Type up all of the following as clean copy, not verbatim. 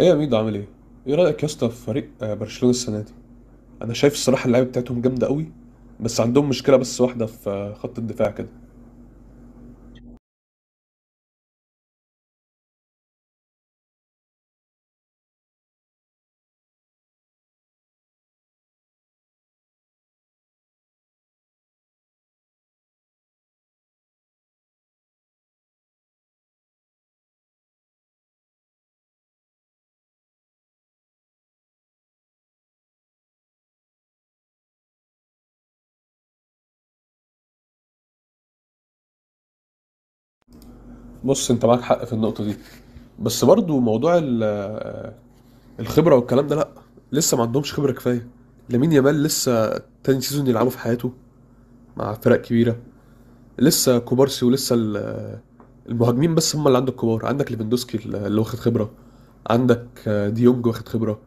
ايه يا ميدو عامل ايه؟ ايه رأيك يا اسطى في فريق برشلونة السنة دي؟ انا شايف الصراحة اللعيبة بتاعتهم جامدة قوي، بس عندهم مشكلة بس واحدة في خط الدفاع كده. بص انت معاك حق في النقطة دي، بس برضو موضوع الخبرة والكلام ده، لا، لسه ما عندهمش خبرة كفاية. لامين يامال لسه تاني سيزون يلعبه في حياته مع فرق كبيرة. لسه كوبارسي، ولسه المهاجمين بس هم اللي عندك كبار. عندك ليفاندوسكي اللي واخد خبرة، عندك ديونج واخد خبرة،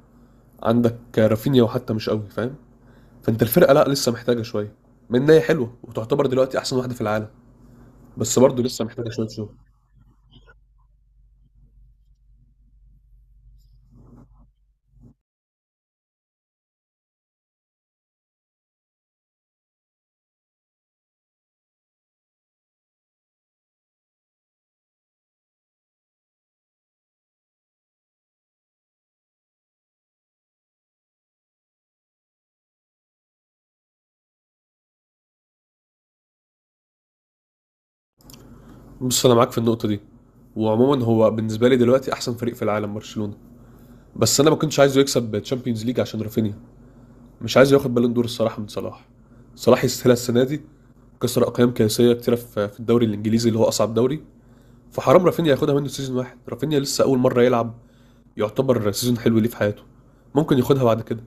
عندك رافينيا، وحتى مش قوي، فاهم؟ فانت الفرقه لا، لسه محتاجه شويه، من إن هي حلوه وتعتبر دلوقتي احسن واحده في العالم، بس برضه لسه محتاجه شويه شغل. بص انا معاك في النقطه دي، وعموما هو بالنسبه لي دلوقتي احسن فريق في العالم برشلونه، بس انا ما كنتش عايزه يكسب تشامبيونز ليج عشان رافينيا، مش عايزه ياخد بالون دور الصراحه من صلاح. صلاح يستاهلها السنه دي، كسر اقيام قياسيه كتيره في الدوري الانجليزي اللي هو اصعب دوري. فحرام رافينيا ياخدها منه سيزون واحد، رافينيا لسه اول مره يلعب، يعتبر سيزون حلو ليه في حياته. ممكن ياخدها بعد كده،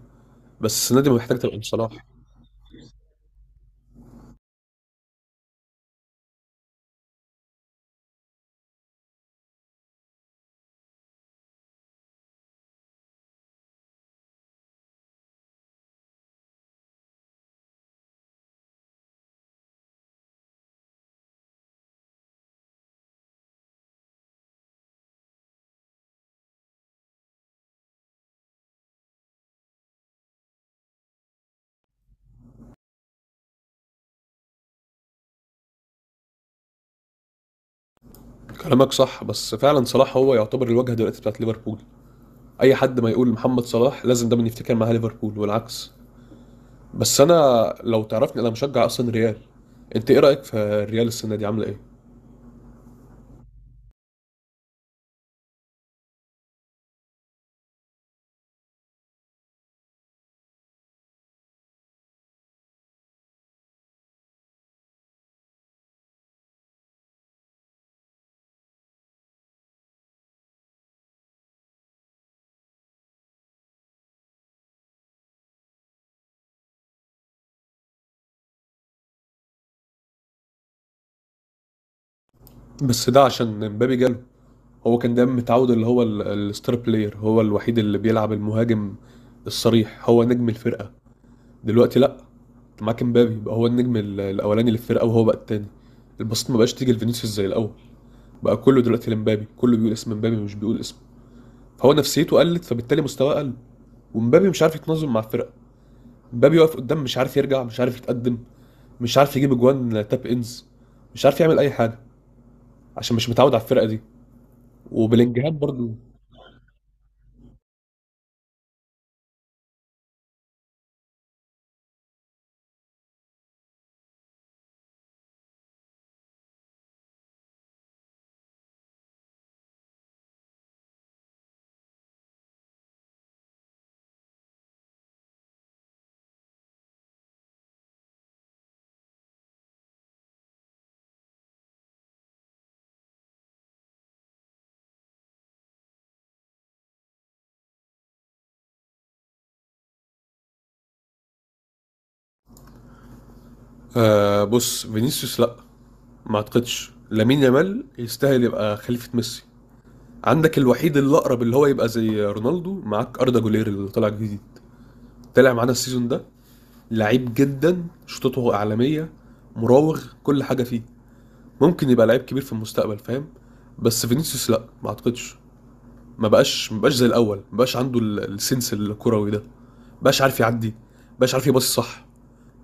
بس السنه دي محتاج تبقى من صلاح. كلامك صح، بس فعلا صلاح هو يعتبر الواجهه دلوقتي بتاعت ليفربول. اي حد ما يقول محمد صلاح لازم دايما يفتكر معاه ليفربول والعكس. بس انا، لو تعرفني انا مشجع اصلا ريال. انت ايه رايك في الريال السنه دي عامله ايه؟ بس ده عشان مبابي جاله. هو كان دايما متعود اللي هو الستار بلاير هو الوحيد اللي بيلعب المهاجم الصريح، هو نجم الفرقه. دلوقتي لا، معاك مبابي بقى هو النجم الاولاني للفرقه، وهو بقى التاني. البسط ما بقاش تيجي لفينيسيوس زي الاول، بقى كله دلوقتي لمبابي، كله بيقول اسم مبابي، مش بيقول اسم. هو نفسيته قلت، فبالتالي مستواه قل. ومبابي مش عارف يتنظم مع الفرقه. مبابي واقف قدام، مش عارف يرجع، مش عارف يتقدم، مش عارف يجيب اجوان تاب انز، مش عارف يعمل اي حاجه، عشان مش متعود على الفرقه دي. وبلينجهام برضو. آه بص فينيسيوس لا، ما اعتقدش لامين يامال يستاهل يبقى خليفه ميسي. عندك الوحيد اللي اقرب اللي هو يبقى زي رونالدو معاك اردا جولير، اللي طالع جديد، طلع معانا السيزون ده. لعيب جدا، شطته عالميه، مراوغ، كل حاجه فيه. ممكن يبقى لعيب كبير في المستقبل، فاهم؟ بس فينيسيوس لا، ما اعتقدش. ما بقاش زي الاول، ما بقاش عنده السنس الكروي ده، ما بقاش عارف يعدي، ما بقاش عارف يباصي صح،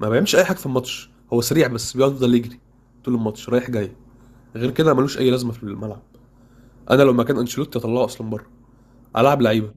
ما بيعملش اي حاجه في الماتش. هو سريع بس بيفضل يجري طول الماتش رايح جاي، غير كده ملوش اي لازمه في الملعب. انا لو مكان انشيلوتي اطلعه اصلا بره، العب لعيبه.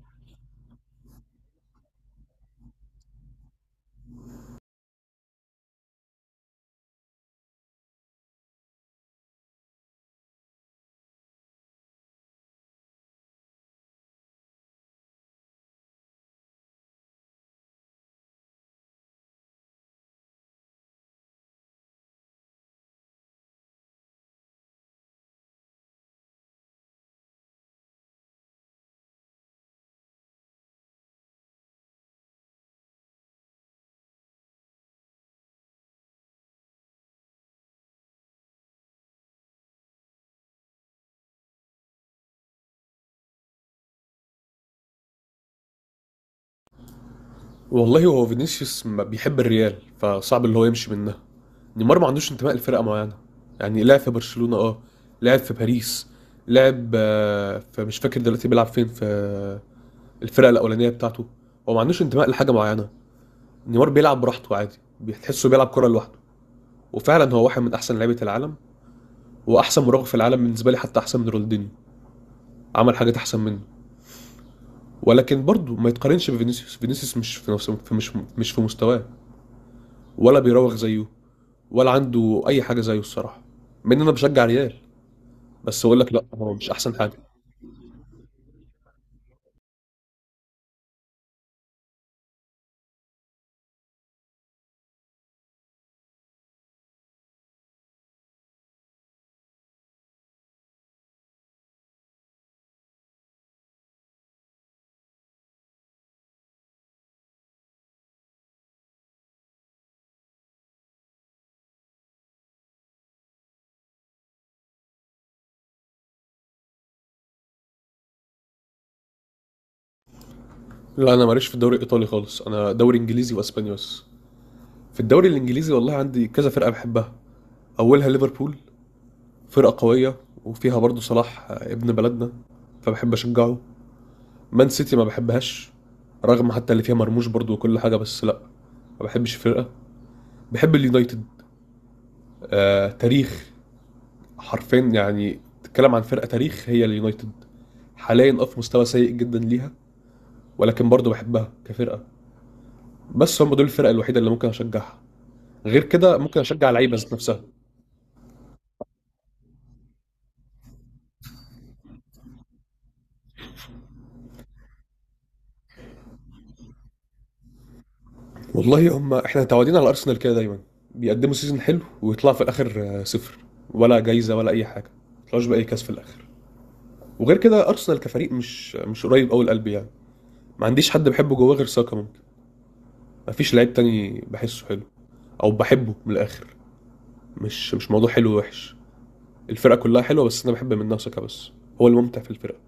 والله هو فينيسيوس ما بيحب الريال، فصعب اللي هو يمشي منها. نيمار ما عندوش انتماء لفرقة معينة، يعني لعب في برشلونة، اه لعب في باريس، لعب في، مش فاكر دلوقتي بيلعب فين، في الفرقة الأولانية بتاعته. هو ما عندوش انتماء لحاجة معينة. نيمار بيلعب براحته عادي، بتحسه بيلعب كرة لوحده. وفعلا هو واحد من أحسن لعيبة العالم وأحسن مراوغ في العالم بالنسبة لي، حتى أحسن من رونالدينيو، عمل حاجات أحسن منه. ولكن برضه ما يتقارنش بفينيسيوس. فينيسيوس مش في نفسه مش في مستواه، ولا بيراوغ زيه، ولا عنده اي حاجه زيه الصراحه. مع ان انا بشجع ريال، بس اقول لك لا، هو مش احسن حاجه. لا انا ماليش في الدوري الايطالي خالص، انا دوري انجليزي واسباني بس. في الدوري الانجليزي والله عندي كذا فرقه بحبها. اولها ليفربول، فرقه قويه، وفيها برضو صلاح ابن بلدنا، فبحب اشجعه. مان سيتي ما بحبهاش، رغم حتى اللي فيها مرموش برضو وكل حاجه، بس لا، ما بحبش الفرقه. بحب اليونايتد، آه تاريخ، حرفيا يعني تتكلم عن فرقه تاريخ هي اليونايتد. حاليا اه في مستوى سيء جدا ليها، ولكن برضه بحبها كفرقه. بس هم دول الفرق الوحيده اللي ممكن اشجعها، غير كده ممكن اشجع لعيبه ذات نفسها. والله هم احنا متعودين على ارسنال كده دايما، بيقدموا سيزون حلو ويطلعوا في الاخر صفر، ولا جايزه ولا اي حاجه، ما يطلعوش باي كاس في الاخر. وغير كده ارسنال كفريق مش قريب قوي لقلبي يعني. ما عنديش حد بحبه جواه غير ساكا ممكن، ما فيش لعيب تاني بحسه حلو او بحبه من الاخر. مش موضوع حلو ووحش، الفرقه كلها حلوه، بس انا بحب منها ساكا بس، هو الممتع في الفرقه.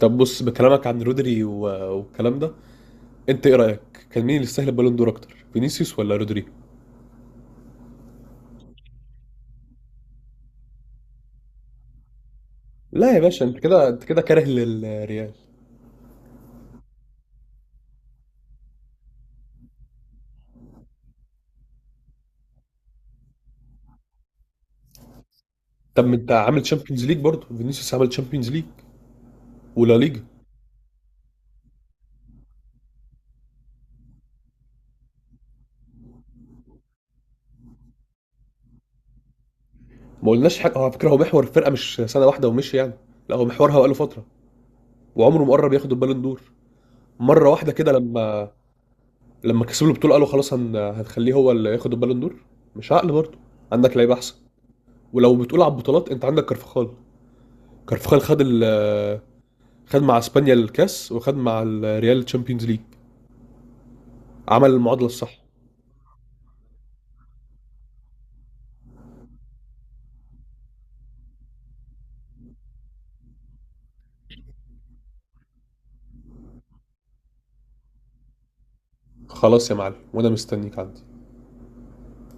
طب بص، بكلامك عن رودري والكلام ده، انت ايه رايك، كان مين اللي يستاهل البالون دور اكتر، فينيسيوس ولا رودريجو؟ لا يا باشا، انت كده كاره للريال. طب ما انت عامل تشامبيونز ليج برضه، فينيسيوس عمل تشامبيونز ليج ولا ليجا؟ ما قلناش حاجه، هو على فكره هو محور الفرقه، مش سنه واحده ومشي يعني. لا، هو محورها بقاله فتره، وعمره ما قرب ياخد البالون دور. مره واحده كده لما، لما كسبوا البطوله قالوا خلاص، هنخليه هو اللي ياخد البالون دور. مش عقل برضه، عندك لعيبه احسن. ولو بتقول على البطولات، انت عندك كارفخال. كارفخال خد خد مع اسبانيا الكاس، وخد مع الريال تشامبيونز ليج. عمل المعادله الصح. خلاص يا معلم، وانا مستنيك عندي.